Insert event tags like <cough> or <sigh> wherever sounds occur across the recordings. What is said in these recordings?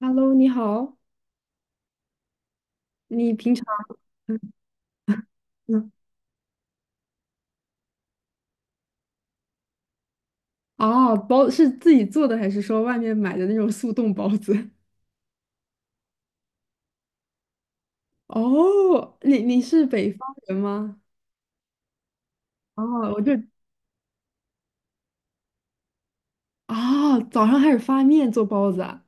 Hello，你好，你平常。嗯嗯。哦，包是自己做的还是说外面买的那种速冻包子？<laughs> 哦，你是北方人吗？哦，我就。啊、早上开始发面做包子啊。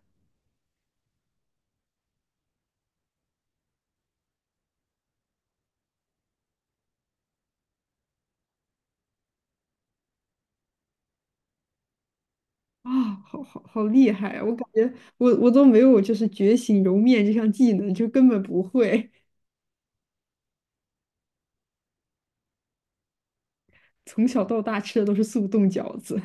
啊、好好好厉害啊！我感觉我都没有就是觉醒揉面这项技能，就根本不会。<laughs> 从小到大吃的都是速冻饺子。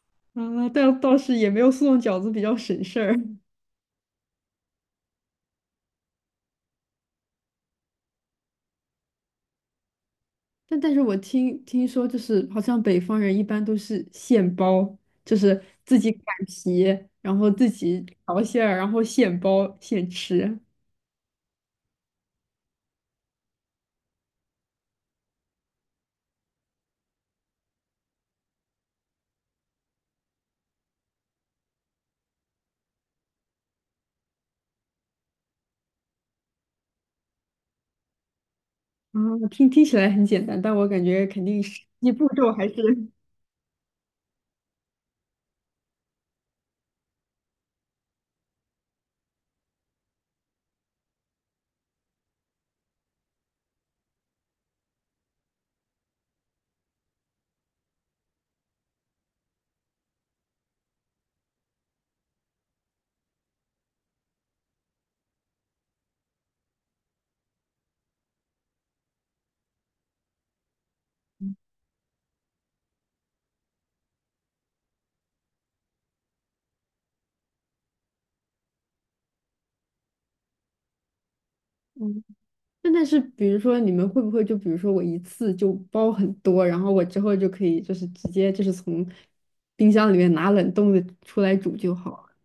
<laughs> 啊，但倒是也没有速冻饺子比较省事儿。但是我听说，就是好像北方人一般都是现包，就是自己擀皮，然后自己调馅儿，然后现包现吃。啊，听起来很简单，但我感觉肯定实际步骤还是。嗯。那但是比如说你们会不会就比如说我一次就包很多，然后我之后就可以就是直接就是从冰箱里面拿冷冻的出来煮就好了？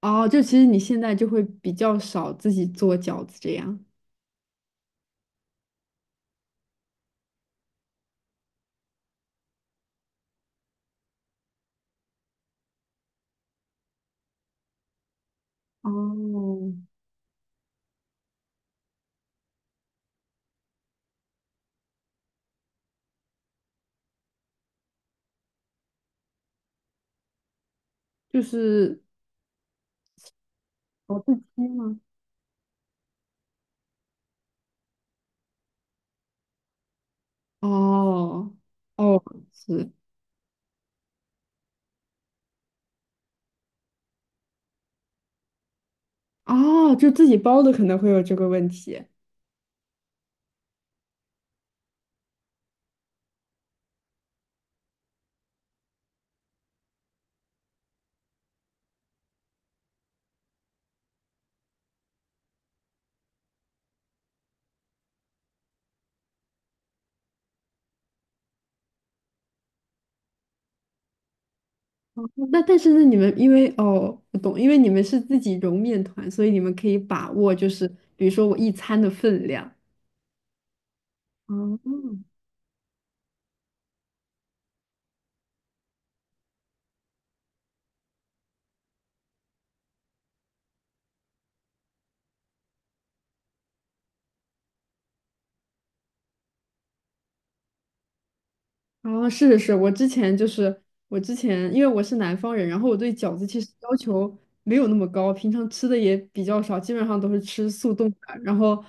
哦，就其实你现在就会比较少自己做饺子这样。哦，就是保自己吗？哦哦。是。哦，就自己包的可能会有这个问题。那但是那你们因为哦，我懂，因为你们是自己揉面团，所以你们可以把握，就是比如说我一餐的分量。哦。哦，是是是，我之前，因为我是南方人，然后我对饺子其实要求没有那么高，平常吃的也比较少，基本上都是吃速冻的。然后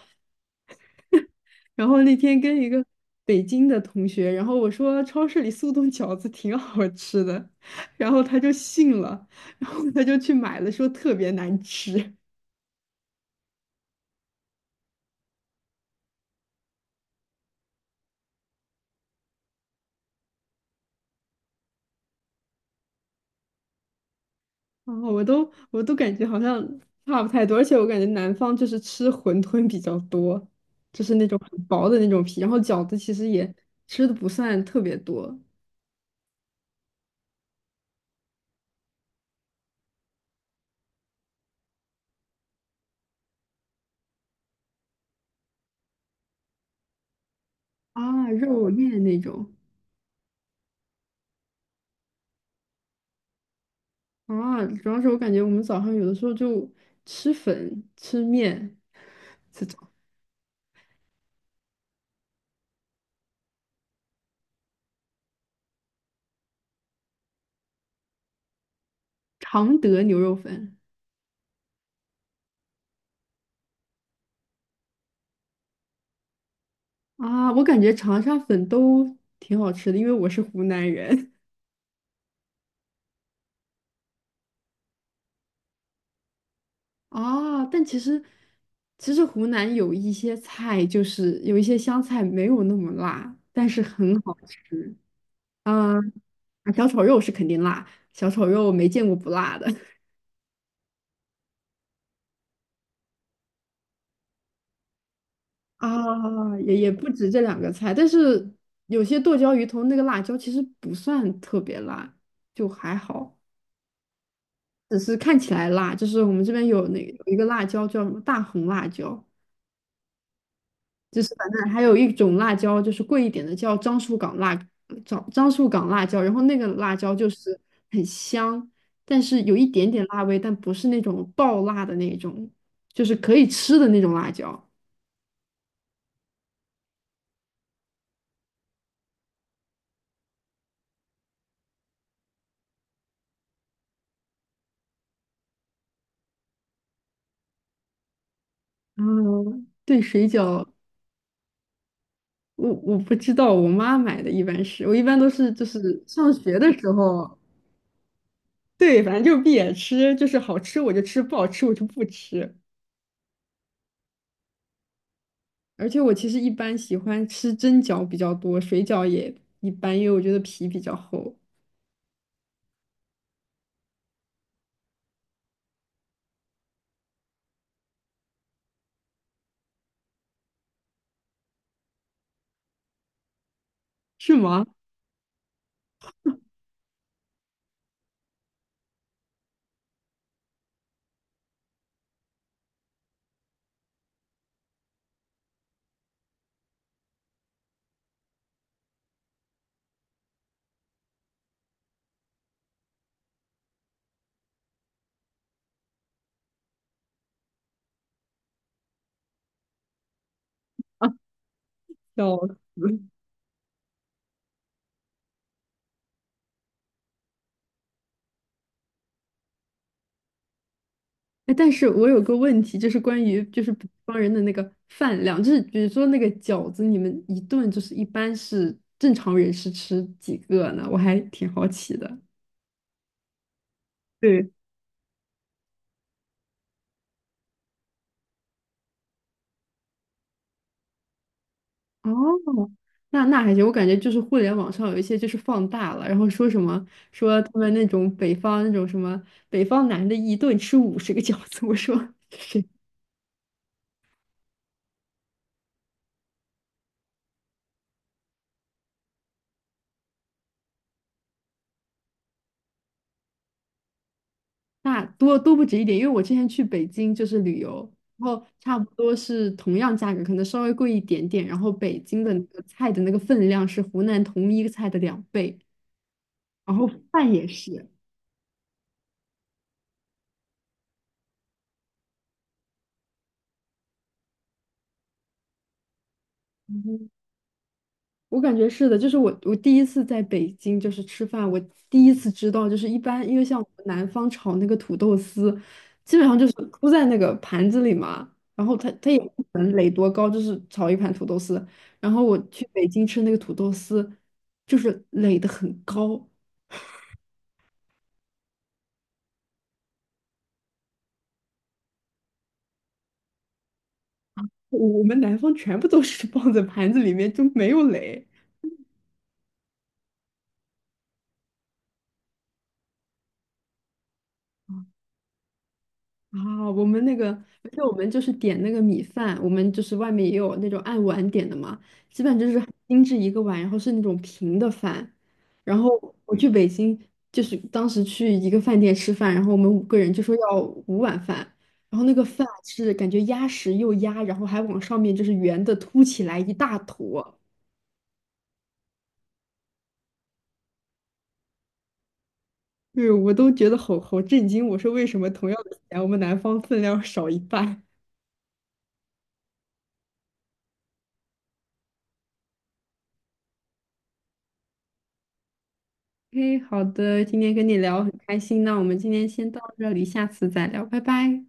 那天跟一个北京的同学，然后我说超市里速冻饺子挺好吃的，然后他就信了，然后他就去买了，说特别难吃。然后我都感觉好像差不太多，而且我感觉南方就是吃馄饨比较多，就是那种很薄的那种皮，然后饺子其实也吃的不算特别多。啊，肉面那种。啊，主要是我感觉我们早上有的时候就吃粉吃面，常德牛肉粉。啊，我感觉长沙粉都挺好吃的，因为我是湖南人。 <laughs> 啊。但其实，其实湖南有一些菜，就是有一些湘菜没有那么辣，但是很好吃啊。啊，小炒肉是肯定辣，小炒肉没见过不辣的。 <laughs> 啊，也不止这两个菜，但是有些剁椒鱼头那个辣椒其实不算特别辣，就还好，只是看起来辣。就是我们这边有那有一个辣椒叫什么大红辣椒。就是反正还有一种辣椒，就是贵一点的，叫樟树港辣椒，然后那个辣椒就是很香，但是有一点点辣味，但不是那种爆辣的那种，就是可以吃的那种辣椒。嗯，对，水饺，我不知道，我妈买的一般是，我一般都是就是上学的时候，对，反正就是闭眼吃，就是好吃我就吃，不好吃我就不吃。而且我其实一般喜欢吃蒸饺比较多，水饺也一般，因为我觉得皮比较厚。是吗？笑死！哎，但是我有个问题，就是关于就是北方人的那个饭量，就是比如说那个饺子，你们一顿就是一般是正常人是吃几个呢？我还挺好奇的。对，哦，那还行，我感觉就是互联网上有一些就是放大了，然后说什么说他们那种北方那种什么北方男的一顿吃50个饺子，我说那多不止一点，因为我之前去北京就是旅游，然后差不多是同样价格，可能稍微贵一点点。然后北京的那个菜的那个分量是湖南同一个菜的2倍，然后饭也是。我感觉是的，就是我第一次在北京就是吃饭，我第一次知道就是一般，因为像我们南方炒那个土豆丝，基本上就是铺在那个盘子里嘛，然后它也不可能垒多高，就是炒一盘土豆丝。然后我去北京吃那个土豆丝，就是垒得很高，我们南方全部都是放在盘子里面就没有垒。啊，我们那个，而且我们就是点那个米饭，我们就是外面也有那种按碗点的嘛，基本就是很精致一个碗，然后是那种平的饭。然后我去北京，就是当时去一个饭店吃饭，然后我们五个人就说要五碗饭，然后那个饭是感觉压实又压，然后还往上面就是圆的凸起来一大坨，对我都觉得好好震惊，我说为什么同样的钱，我们南方分量少一半？嘿，好的，今天跟你聊很开心，那我们今天先到这里，下次再聊，拜拜。